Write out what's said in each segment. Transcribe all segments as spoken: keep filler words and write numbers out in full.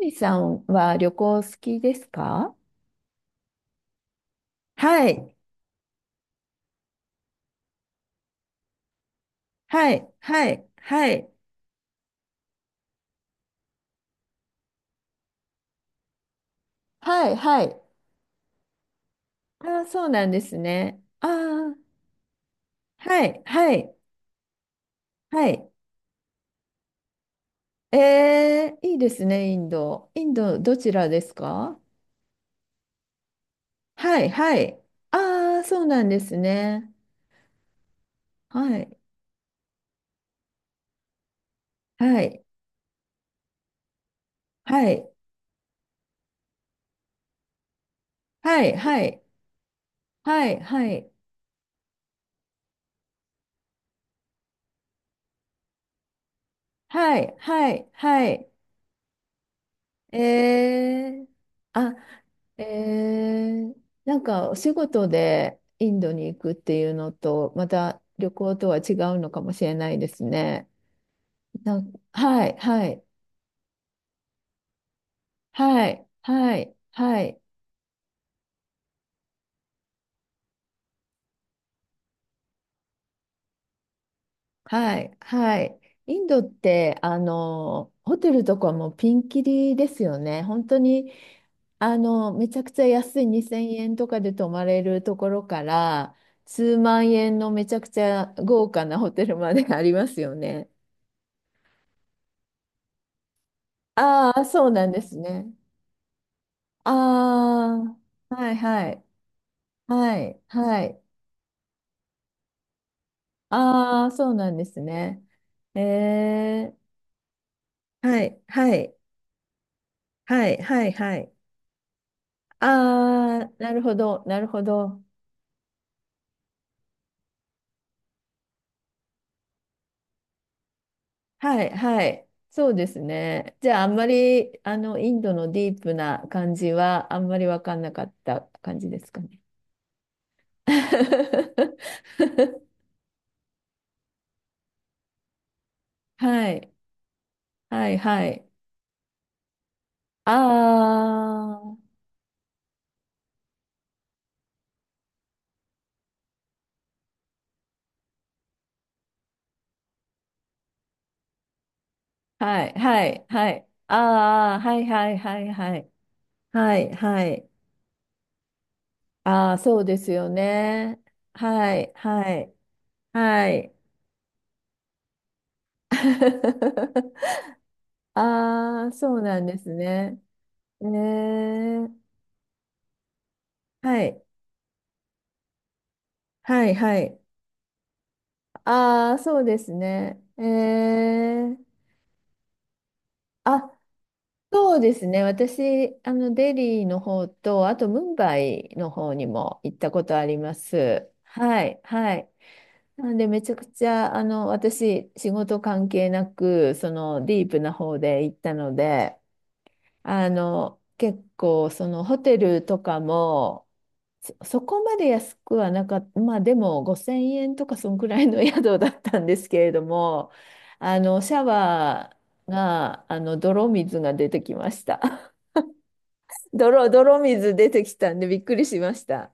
みさんは旅行好きですか？はい、はい、はい、はい、はい、はい。ああ、そうなんですね。ああ、はい、はい、はい、えー、いいですね、インド。インド、どちらですか？はい、はい、ああ、そうなんですね。はい、はい、はい、はい、はい、はい、はい、はい、はい、はい、えー、あ、えー、なんかお仕事でインドに行くっていうのと、また旅行とは違うのかもしれないですね。なん、はい、はい、はい、はい、はい。はい、はい。インドって、あの、ホテルとかもピンキリですよね。本当に、あの、めちゃくちゃ安いにせんえんとかで泊まれるところから、数万円のめちゃくちゃ豪華なホテルまで ありますよね。ああ、そうなんですね。ああ、はい、はい、はい、はい。ああ、そうなんですね。えー、はい、はい、はい、はい、はい。ああ、なるほど、なるほど。はい、はい。そうですね。じゃあ、あんまり、あの、インドのディープな感じは、あんまり分かんなかった感じですかね。はい、はい、はい。ああ、はい、はい、はい。ああ、はい、はい、はい、はい。はい、はい。ああ、そうですよね。はい、はい、はい。ああ、そうなんですね。えー、はい、はい、はい。ああ、そうですね。えー、あ、そうですね。私、あの、デリーの方と、あと、ムンバイの方にも行ったことあります。はい、はい。なんで、めちゃくちゃ、あの、私、仕事関係なく、その、ディープな方で行ったので、あの、結構、そのホテルとかも、そ、そこまで安くはなかった、まあでもごせんえんとかそんくらいの 宿だったんですけれども、あの、シャワーが、あの、泥水が出てきました。泥、泥水出てきたんでびっくりしました。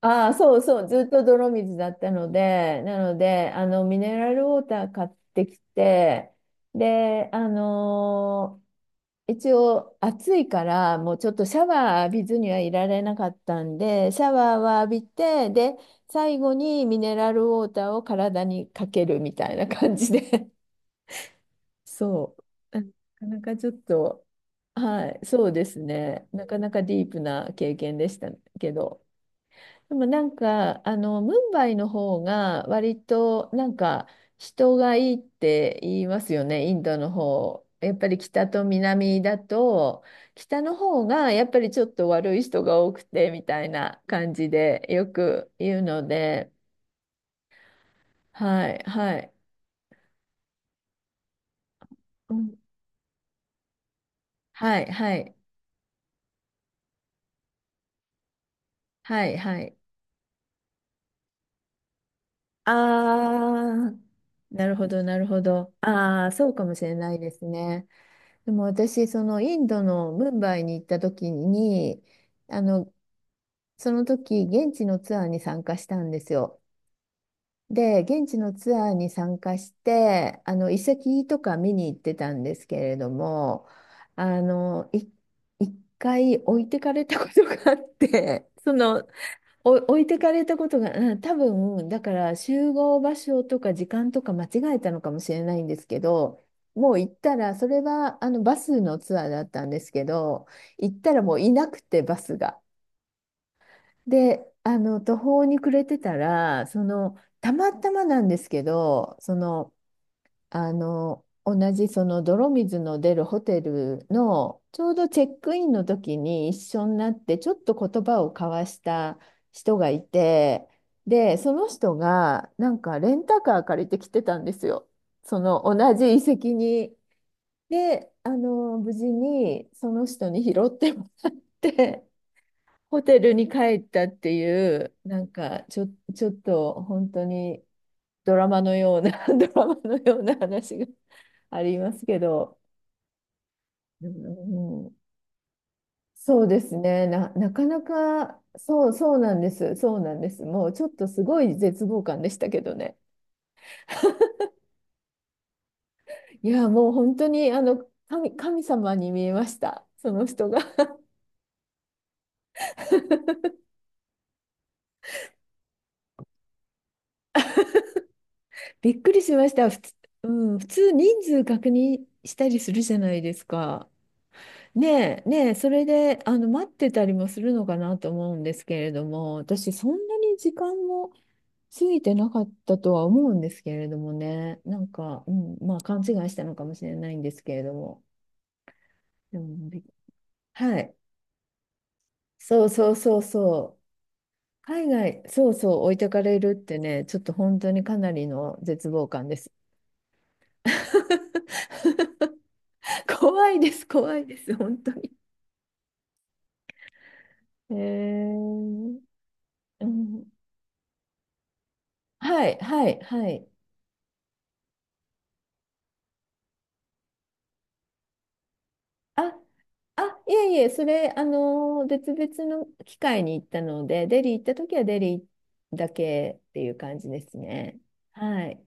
ああ、そうそう、ずっと泥水だったので、なので、あの、ミネラルウォーター買ってきて、で、あのー一応暑いからもうちょっとシャワー浴びずにはいられなかったんで、シャワーは浴びて、で、最後にミネラルウォーターを体にかけるみたいな感じで そう、なかなかちょっと、はい、そうですね、なかなかディープな経験でしたけど、でもなんか、あの、ムンバイの方が割となんか人がいいって言いますよね、インドの方。やっぱり北と南だと、北の方がやっぱりちょっと悪い人が多くてみたいな感じでよく言うので、はい、はい、うん、はい、はい、はい、はい。あー、なるほど、なるほど。あー、そうかもしれないですね。でも私、そのインドのムンバイに行った時に、あの、その時、現地のツアーに参加したんですよ。で、現地のツアーに参加して、あの、遺跡とか見に行ってたんですけれども、あの、い、一回置いてかれたことがあって、その、お置いてかれたことが、うん、多分、だから集合場所とか時間とか間違えたのかもしれないんですけど、もう行ったら、それはあのバスのツアーだったんですけど、行ったらもういなくて、バスが。で、あの途方に暮れてたら、その、たまたまなんですけど、その、あの、同じその泥水の出るホテルのちょうどチェックインの時に一緒になってちょっと言葉を交わした人がいて、で、その人がなんかレンタカー借りてきてたんですよ。その同じ遺跡に。で、あの、無事にその人に拾ってもらって、ホテルに帰ったっていう、なんかちょ、ちょっと本当にドラマのような、ドラマのような話が。ありますけど、うん、そうですね、な、なかなか、そう、そうなんです、そうなんです。もうちょっとすごい絶望感でしたけどね。いや、もう本当に、あの、神、神様に見えました、その人が。びっくりしました。普通、うん、普通人数確認したりするじゃないですか。ねえ、ねえ、それで、あの、待ってたりもするのかなと思うんですけれども、私、そんなに時間も過ぎてなかったとは思うんですけれどもね、なんか、うん、まあ勘違いしたのかもしれないんですけれども、でもびはい、そうそうそうそう、海外、そうそう、置いてかれるってね、ちょっと本当にかなりの絶望感です。怖いです、怖いです、本当に。えー、うん、はい、はい、はい。あ、あ、いえいえ、それ、あのー、別々の機会に行ったので、デリー行った時はデリーだけっていう感じですね。はい。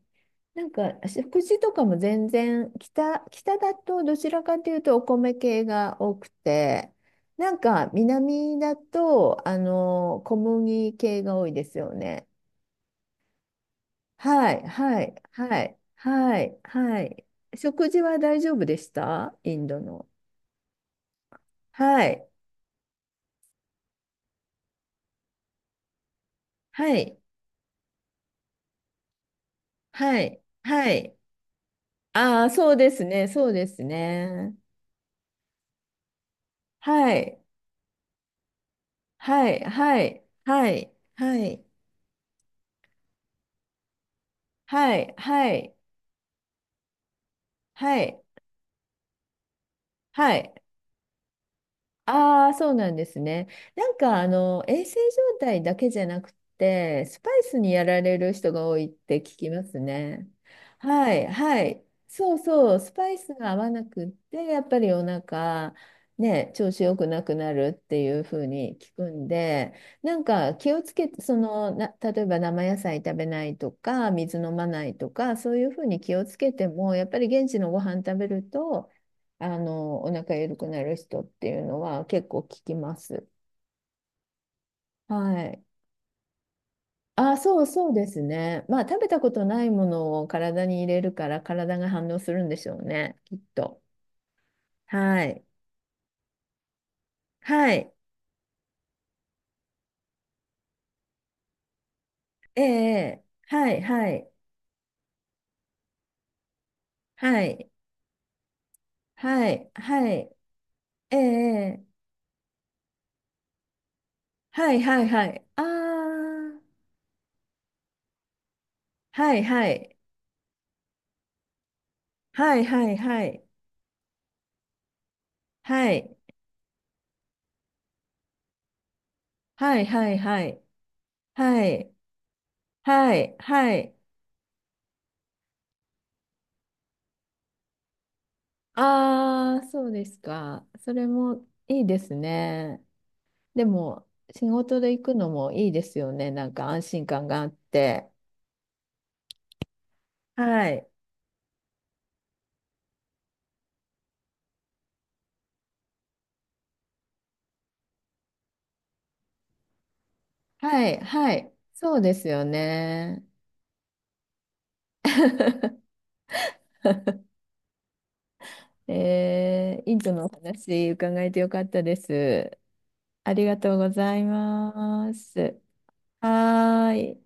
なんか、食事とかも全然、北、北だとどちらかというとお米系が多くて、なんか南だと、あのー、小麦系が多いですよね。はい、はい、はい、はい、はい。食事は大丈夫でしたインドの？はい、はい。はい。はい。ああ、そうですね。そうですね。はい。はい。はい。はい。はい。はい。はい。はい。はい。ああ、そうなんですね。なんか、あの、衛生状態だけじゃなくて、スパイスにやられる人が多いって聞きますね。はい、はい。そうそう、スパイスが合わなくって、やっぱりお腹、ね、調子良くなくなるっていうふうに聞くんで、なんか気をつけて、その、な、例えば生野菜食べないとか、水飲まないとか、そういうふうに気をつけても、やっぱり現地のご飯食べると、あの、お腹緩くなる人っていうのは結構聞きます。はい。あ、そうそうですね。まあ、食べたことないものを体に入れるから体が反応するんでしょうね、きっと。はい。はい。ええ、はい、はい、はい、はい、はい、ええ、はい、はい、はい。ああ、はい、はい、はい、はい、はい、はい、はい、はい、はい、はい、はい、はい、ああ、そうですか。それもいいですね。でも、仕事で行くのもいいですよね。なんか安心感があって。はい。はい、はい。そうですよね。えー、インドのお話伺えてよかったです。ありがとうございます。はーい。